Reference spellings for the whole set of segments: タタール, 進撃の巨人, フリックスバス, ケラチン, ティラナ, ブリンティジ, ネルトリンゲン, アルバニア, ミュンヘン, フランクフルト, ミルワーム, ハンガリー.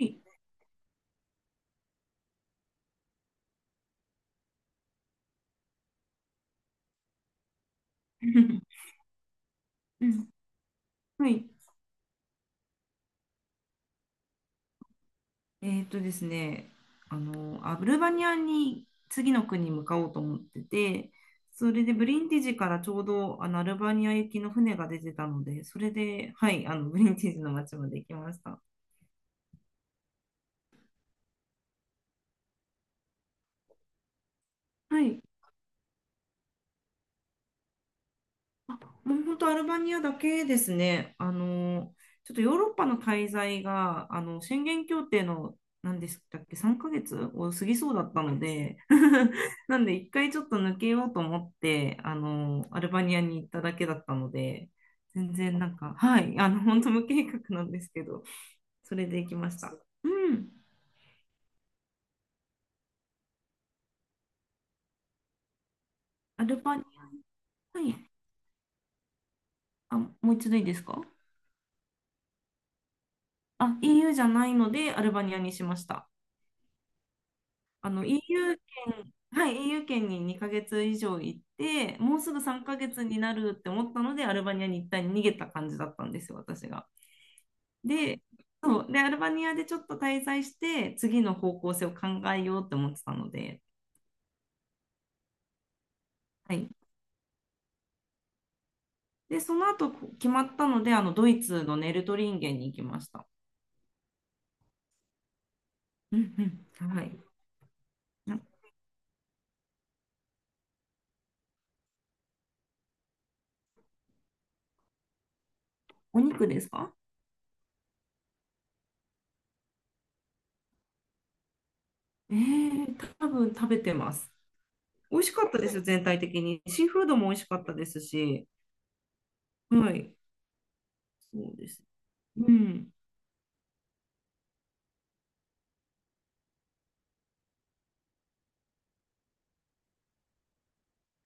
はい うんはい。ですね、アルバニアに次の国に向かおうと思ってて、それでブリンティジからちょうどアルバニア行きの船が出てたので、それで、はい、ブリンティジの町まで行きました。はい。あ、もう本当アルバニアだけですね。ちょっとヨーロッパの滞在が、宣言協定の、何でしたっけ、3ヶ月を過ぎそうだったので、なんで一回ちょっと抜けようと思って、アルバニアに行っただけだったので、全然なんか、はい、本当無計画なんですけど、それで行きました。うん。アルバニア、はい。あ、もう一度いいですか？あ、EU じゃないので、アルバニアにしました。EU 圏、はい、イーユー圏に2ヶ月以上行って、もうすぐ3ヶ月になるって思ったので、アルバニアに一旦逃げた感じだったんですよ、私が。で、そう、で、アルバニアでちょっと滞在して、次の方向性を考えようって思ってたので、はい。で、その後こう決まったので、ドイツのネルトリンゲンに行きました。うんうん、はい。なお肉ですか？多分食べてます。美味しかったですよ、全体的に。シーフードも美味しかったですし、はい。そうです。うん。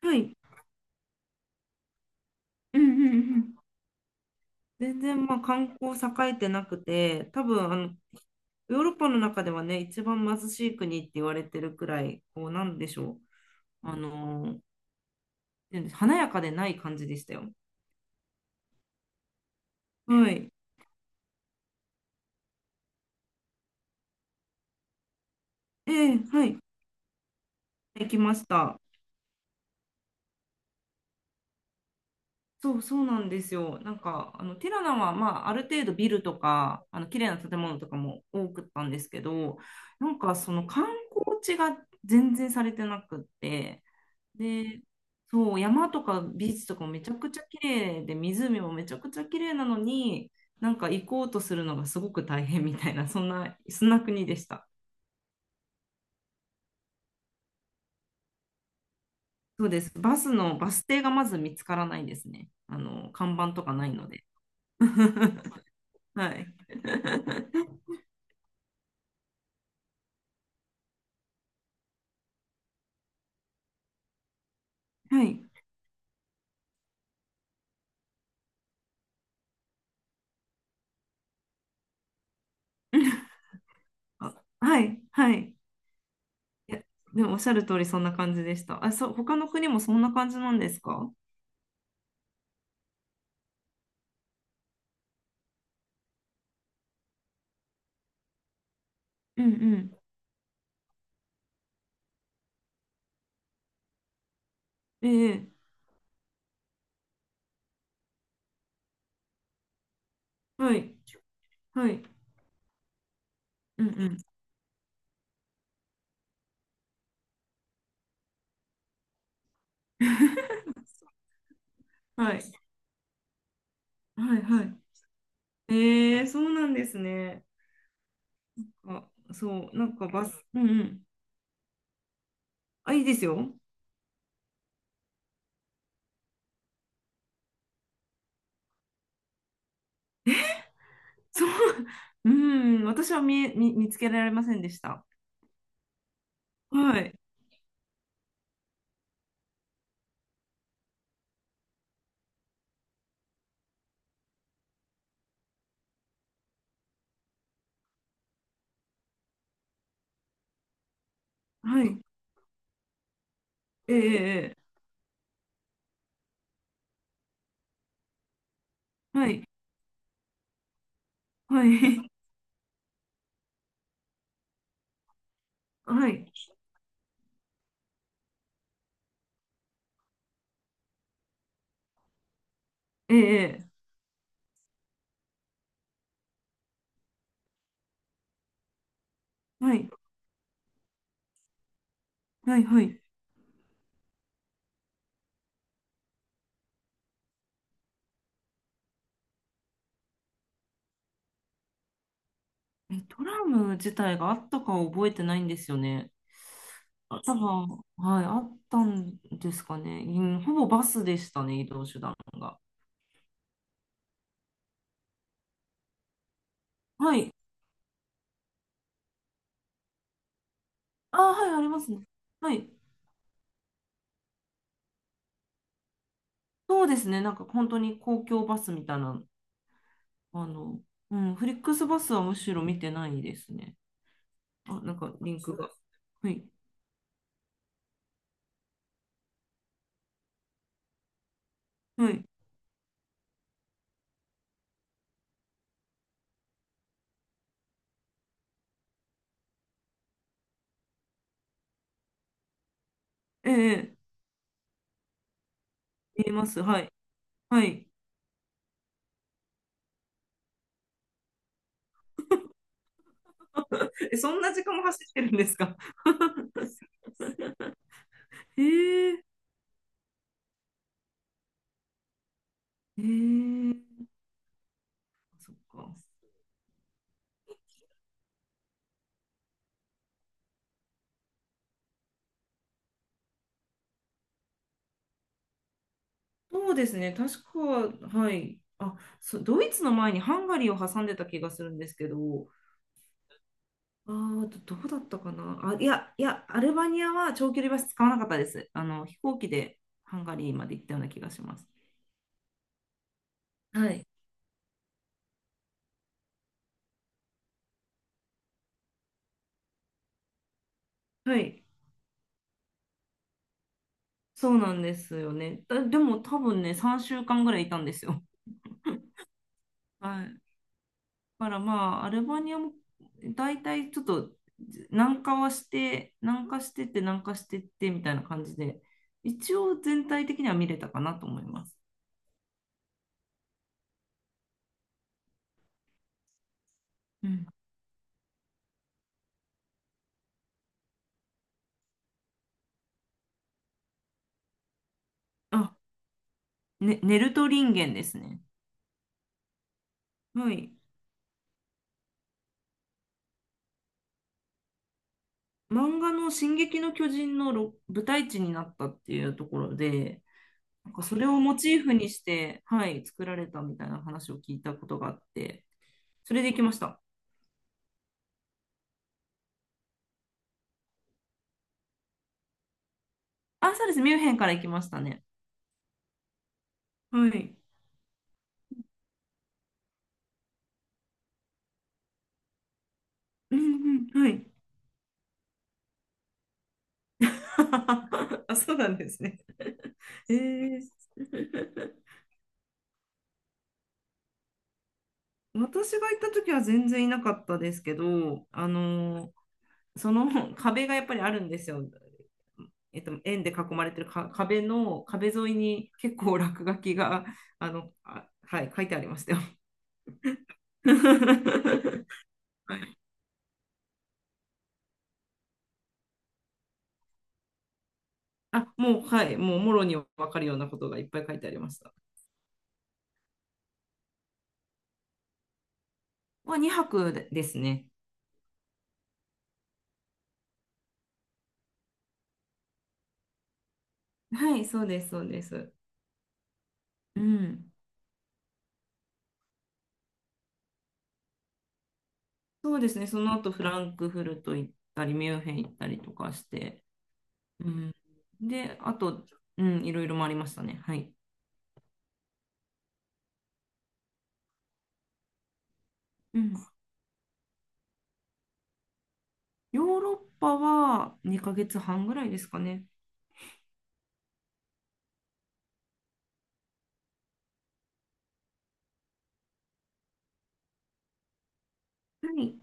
はい。うんうんうん。全然まあ観光栄えてなくて、多分ヨーロッパの中ではね、一番貧しい国って言われてるくらい、こうなんでしょう、あのーなんで華やかでない感じでしたよ。はい。ええはい。行きました。そうそうなんですよ。なんかティラナは、まあ、ある程度ビルとか綺麗な建物とかも多くったんですけど、なんかその観光地が全然されてなくって、でそう山とかビーチとかもめちゃくちゃ綺麗で、湖もめちゃくちゃ綺麗なのに、なんか行こうとするのがすごく大変みたいな、そんなそんな国でした。そうです。バスのバス停がまず見つからないですね。看板とかないので。はい。はい。あ、はい、はい。いや、でもおっしゃる通りそんな感じでした。あ、そう、他の国もそんな感じなんですか？うんうん。ええ、はい、はい、うんうん。はい、はい、はい。ええ、そうなんですね。あ、そう、なんかバス、うんうん。あ、いいですよ。そう、うん、私は見え、見、見つけられませんでした。はい、はい、ええ、ええはい、はい、はい、ええ、はい、はい、はい。え、トラム自体があったか覚えてないんですよね。あ、多分、はい、あったんですかね。うん、ほぼバスでしたね、移動手段が。はい。あ、はい、ありますね。はい。そうですね、なんか本当に公共バスみたいな、あの、うん、フリックスバスはむしろ見てないですね。あ、なんかリンクが。はい。はい。ええ、ええ見えます。はい。はい。え、そんな時間も走ってるんですか？ へえ、へえ、そっか。そうですね、確か、はい。あ、ドイツの前にハンガリーを挟んでた気がするんですけど、どうだったかな。あ、いや、いや、アルバニアは長距離バス使わなかったです。飛行機でハンガリーまで行ったような気がします。はい。はい。そうなんですよね。でも多分ね、3週間ぐらいいたんですよ。はい。だからまあ、アルバニアも大体ちょっと南下はして、南下してって南下してってみたいな感じで、一応全体的には見れたかなと思います。うん。あ、ね、ネルト人間ですね。はい。漫画の「進撃の巨人」の舞台地になったっていうところで、なんかそれをモチーフにして、はい、作られたみたいな話を聞いたことがあって、それで行きました。あ、そうです。ミュンヘンから行きましたね。はい。うんうん、はい。あ、そうなんですね。えー、私が行った時は全然いなかったですけど、その 壁がやっぱりあるんですよ。円で囲まれてるか壁沿いに結構落書きがはい、書いてありましたよ。あ、もう、はい、もうもろに分かるようなことがいっぱい書いてありました。は2泊でですね。はい、そうです、そうです。うん。そうですね、その後フランクフルト行ったり、ミュンヘン行ったりとかして、うん、で、あと、うん、いろいろ回りましたね。はい。うん、ヨーロッパは2ヶ月半ぐらいですかね。はい。